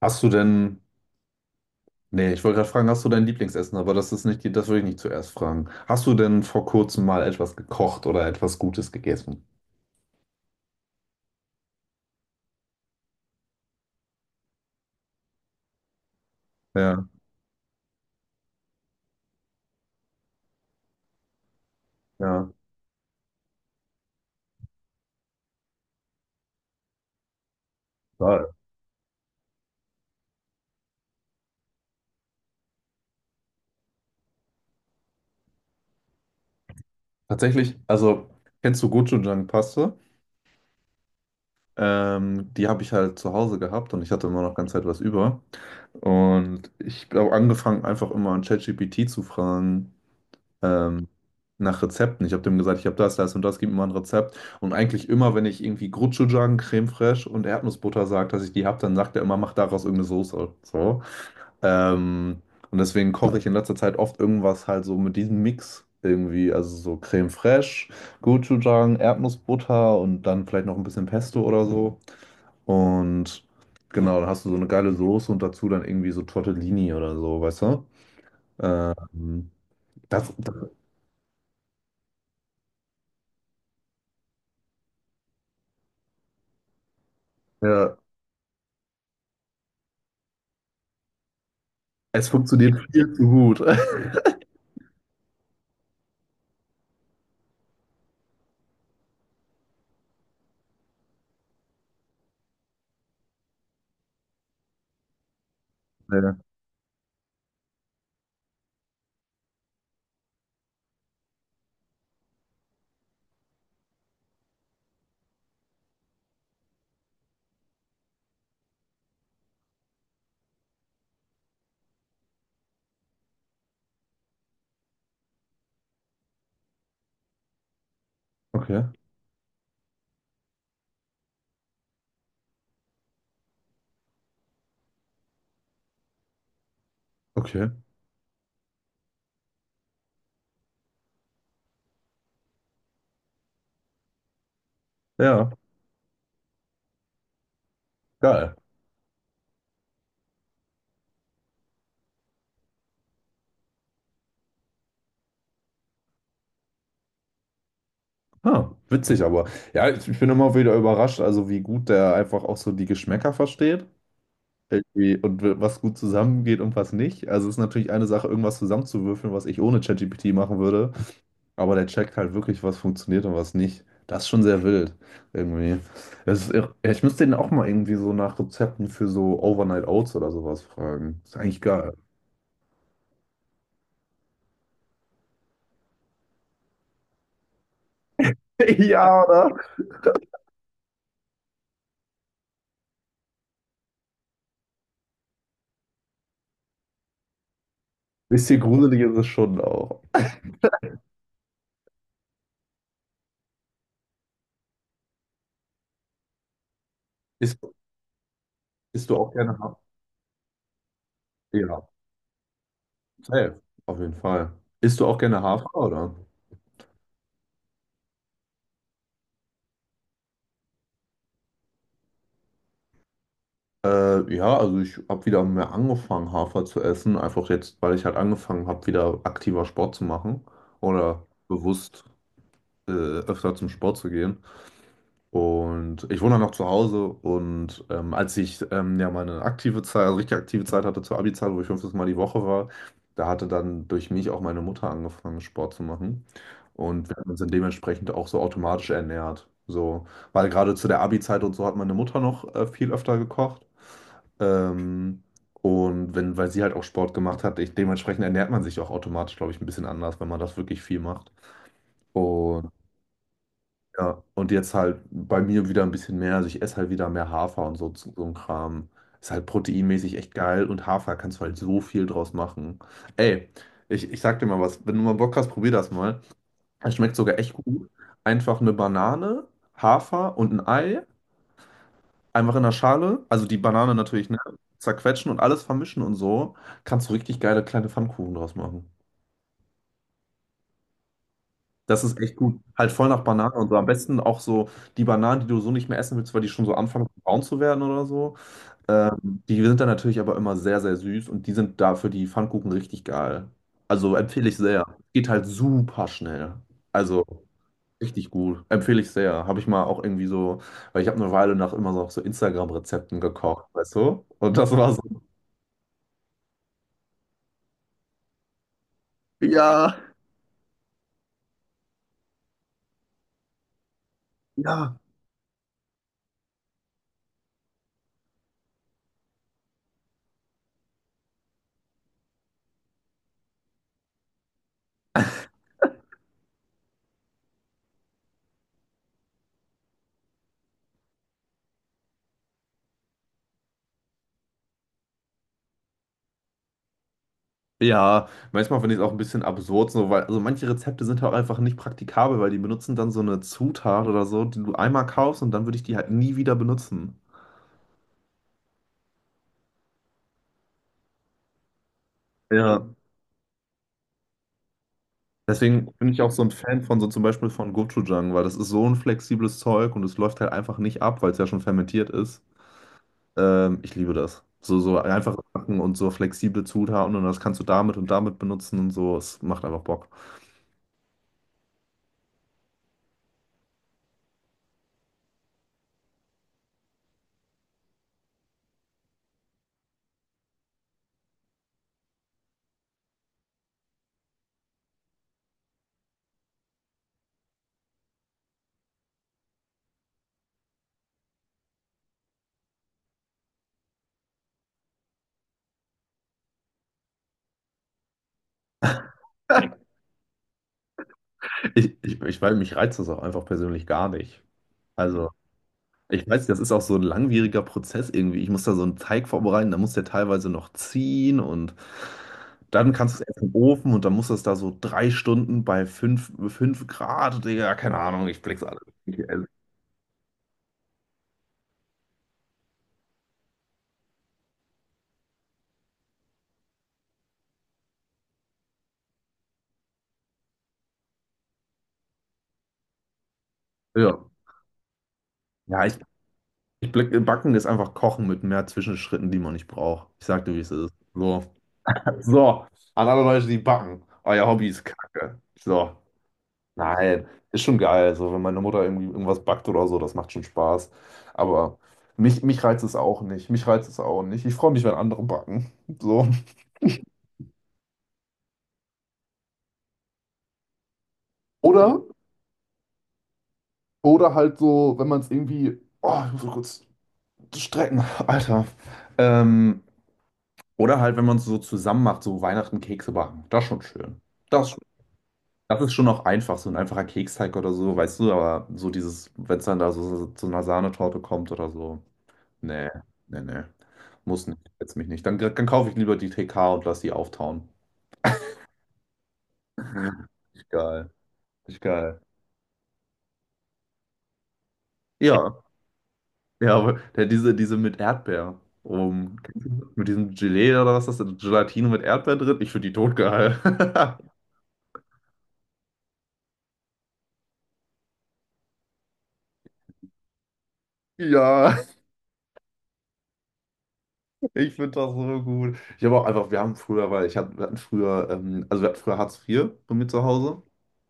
Hast du denn, nee, ich wollte gerade fragen, hast du dein Lieblingsessen, aber das würde ich nicht zuerst fragen. Hast du denn vor kurzem mal etwas gekocht oder etwas Gutes gegessen? Ja, ja. Ja, tatsächlich, also kennst du Gochujang-Paste? Die habe ich halt zu Hause gehabt und ich hatte immer noch ganz Zeit was über. Und ich habe angefangen, einfach immer an ChatGPT zu fragen, ähm, nach Rezepten. Ich habe dem gesagt, ich habe das, das und das, gib mir mal ein Rezept. Und eigentlich immer, wenn ich irgendwie Gochujang, Creme Fraiche und Erdnussbutter sage, dass ich die habe, dann sagt er immer, mach daraus irgendeine Soße. So. Ähm, und deswegen koche ich in letzter Zeit oft irgendwas halt so mit diesem Mix irgendwie, also so Creme Fraiche, Gochujang, Erdnussbutter und dann vielleicht noch ein bisschen Pesto oder so. Und genau, dann hast du so eine geile Soße und dazu dann irgendwie so Tortellini oder so, weißt du? Ähm, das, das, ja, es funktioniert viel zu gut. Ja, okay, okay. Ja, geil. Ah, witzig, aber ja, ich bin immer wieder überrascht, also wie gut der einfach auch so die Geschmäcker versteht. Irgendwie und was gut zusammengeht und was nicht. Also es ist natürlich eine Sache, irgendwas zusammenzuwürfeln, was ich ohne ChatGPT machen würde. Aber der checkt halt wirklich, was funktioniert und was nicht. Das ist schon sehr wild. Irgendwie. Das ist irre. Ich müsste den auch mal irgendwie so nach Rezepten für so Overnight Oats oder sowas fragen. Ist eigentlich geil. Ja, bisschen gruselig ist es schon auch. Isst, Isst du auch gerne Hafer? Ja, safe, auf jeden Fall. Isst du auch gerne Hafer, oder? Ja, also ich habe wieder mehr angefangen, Hafer zu essen. Einfach jetzt, weil ich halt angefangen habe, wieder aktiver Sport zu machen oder bewusst öfter zum Sport zu gehen. Und ich wohne dann noch zu Hause und als ich ja meine aktive Zeit, also richtig aktive Zeit hatte zur Abi-Zeit, wo ich fünftes Mal die Woche war, da hatte dann durch mich auch meine Mutter angefangen, Sport zu machen. Und wir haben uns dann dementsprechend auch so automatisch ernährt. So, weil gerade zu der Abi-Zeit und so hat meine Mutter noch viel öfter gekocht. Ähm, und wenn, weil sie halt auch Sport gemacht hat, ich, dementsprechend ernährt man sich auch automatisch, glaube ich, ein bisschen anders, wenn man das wirklich viel macht. Und ja, und jetzt halt bei mir wieder ein bisschen mehr. Also ich esse halt wieder mehr Hafer und so, so ein Kram. Ist halt proteinmäßig echt geil und Hafer kannst du halt so viel draus machen. Ey, ich sag dir mal was, wenn du mal Bock hast, probier das mal. Es schmeckt sogar echt gut. Einfach eine Banane, Hafer und ein Ei, einfach in der Schale, also die Banane natürlich, ne, zerquetschen und alles vermischen und so, kannst du richtig geile kleine Pfannkuchen draus machen. Das ist echt gut. Halt voll nach Banane und so. Am besten auch so die Bananen, die du so nicht mehr essen willst, weil die schon so anfangen braun zu werden oder so. Die sind dann natürlich aber immer sehr, sehr süß und die sind da für die Pfannkuchen richtig geil. Also empfehle ich sehr. Geht halt super schnell. Also richtig gut. Empfehle ich sehr. Habe ich mal auch irgendwie so, weil ich habe eine Weile nach immer noch so Instagram-Rezepten gekocht, weißt du? Und das war so. Ja, ja. Ja, manchmal finde ich es auch ein bisschen absurd, so, weil also manche Rezepte sind halt einfach nicht praktikabel, weil die benutzen dann so eine Zutat oder so, die du einmal kaufst und dann würde ich die halt nie wieder benutzen. Ja. Deswegen bin ich auch so ein Fan von so zum Beispiel von Gochujang, weil das ist so ein flexibles Zeug und es läuft halt einfach nicht ab, weil es ja schon fermentiert ist. Ich liebe das. So, so einfache Sachen und so flexible Zutaten und das kannst du damit und damit benutzen und so. Es macht einfach Bock. Ich, weil mich reizt das auch einfach persönlich gar nicht. Also. Ich weiß, das ist auch so ein langwieriger Prozess irgendwie. Ich muss da so einen Teig vorbereiten, dann muss der teilweise noch ziehen und dann kannst du es erst im Ofen und dann muss das da so drei Stunden bei fünf Grad, Digga, keine Ahnung, ich blick's alle. Also, ja, ja ich, ich blick, Backen ist einfach Kochen mit mehr Zwischenschritten, die man nicht braucht. Ich sag dir, wie es ist. So, so, an alle Leute, die backen, euer Hobby ist Kacke. So. Nein, ist schon geil. Also, wenn meine Mutter irgendwie irgendwas backt oder so, das macht schon Spaß. Aber mich reizt es auch nicht. Mich reizt es auch nicht. Ich freue mich, wenn andere backen. So. Oder, oder halt so, wenn man es irgendwie. Oh, ich muss mal kurz strecken, Alter. Ähm, oder halt, wenn man es so zusammen macht, so Weihnachten Kekse backen. Das ist schon schön. Das, ist schon- Das ist schon auch einfach, so ein einfacher Keksteig oder so, weißt du, aber so dieses, wenn es dann da so zu einer Sahnetorte kommt oder so. Nee, nee, nee. Muss nicht, jetzt mich nicht. Dann kaufe ich lieber die TK und lass die auftauen. Richtig geil. Richtig geil. Ja, ja, aber diese mit Erdbeer. Um, mit diesem Gelee oder was ist das? Gelatine mit Erdbeer drin? Ich finde die totgeil. Ja, ich finde das so gut. Ich habe auch einfach, wir haben früher, wir hatten früher, also wir hatten früher Hartz vier bei mir zu Hause.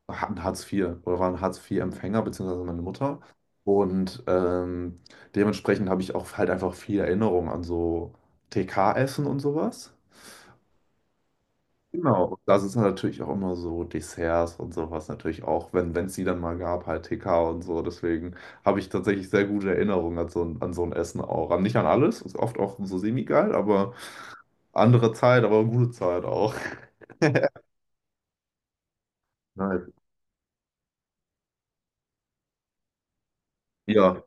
Hatten Hartz vier oder waren Hartz vier empfänger beziehungsweise meine Mutter. Und dementsprechend habe ich auch halt einfach viel Erinnerung an so TK-Essen und sowas. Genau, und da sind natürlich auch immer so Desserts und sowas natürlich auch, wenn es die dann mal gab, halt TK und so. Deswegen habe ich tatsächlich sehr gute Erinnerungen an so, an so ein Essen auch. Nicht an alles, ist oft auch so semi-geil, aber andere Zeit, aber gute Zeit auch. Nice. Ja.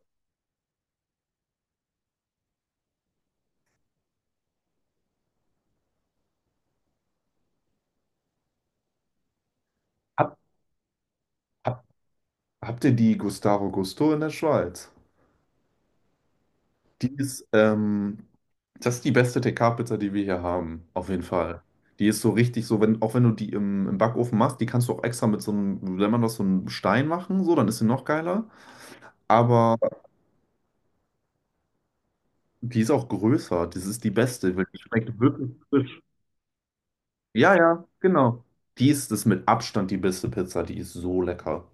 Hab, hab, Habt ihr die Gustavo Gusto in der Schweiz? Die ist, das ist die beste TK-Pizza, die wir hier haben, auf jeden Fall. Die ist so richtig so, wenn, auch wenn du die im Backofen machst, die kannst du auch extra mit so einem, wenn man das so einem Stein machen, so, dann ist sie noch geiler. Aber die ist auch größer. Das ist die beste, weil die schmeckt wirklich frisch. Ja, ja, genau. Die ist das mit Abstand die beste Pizza. Die ist so lecker.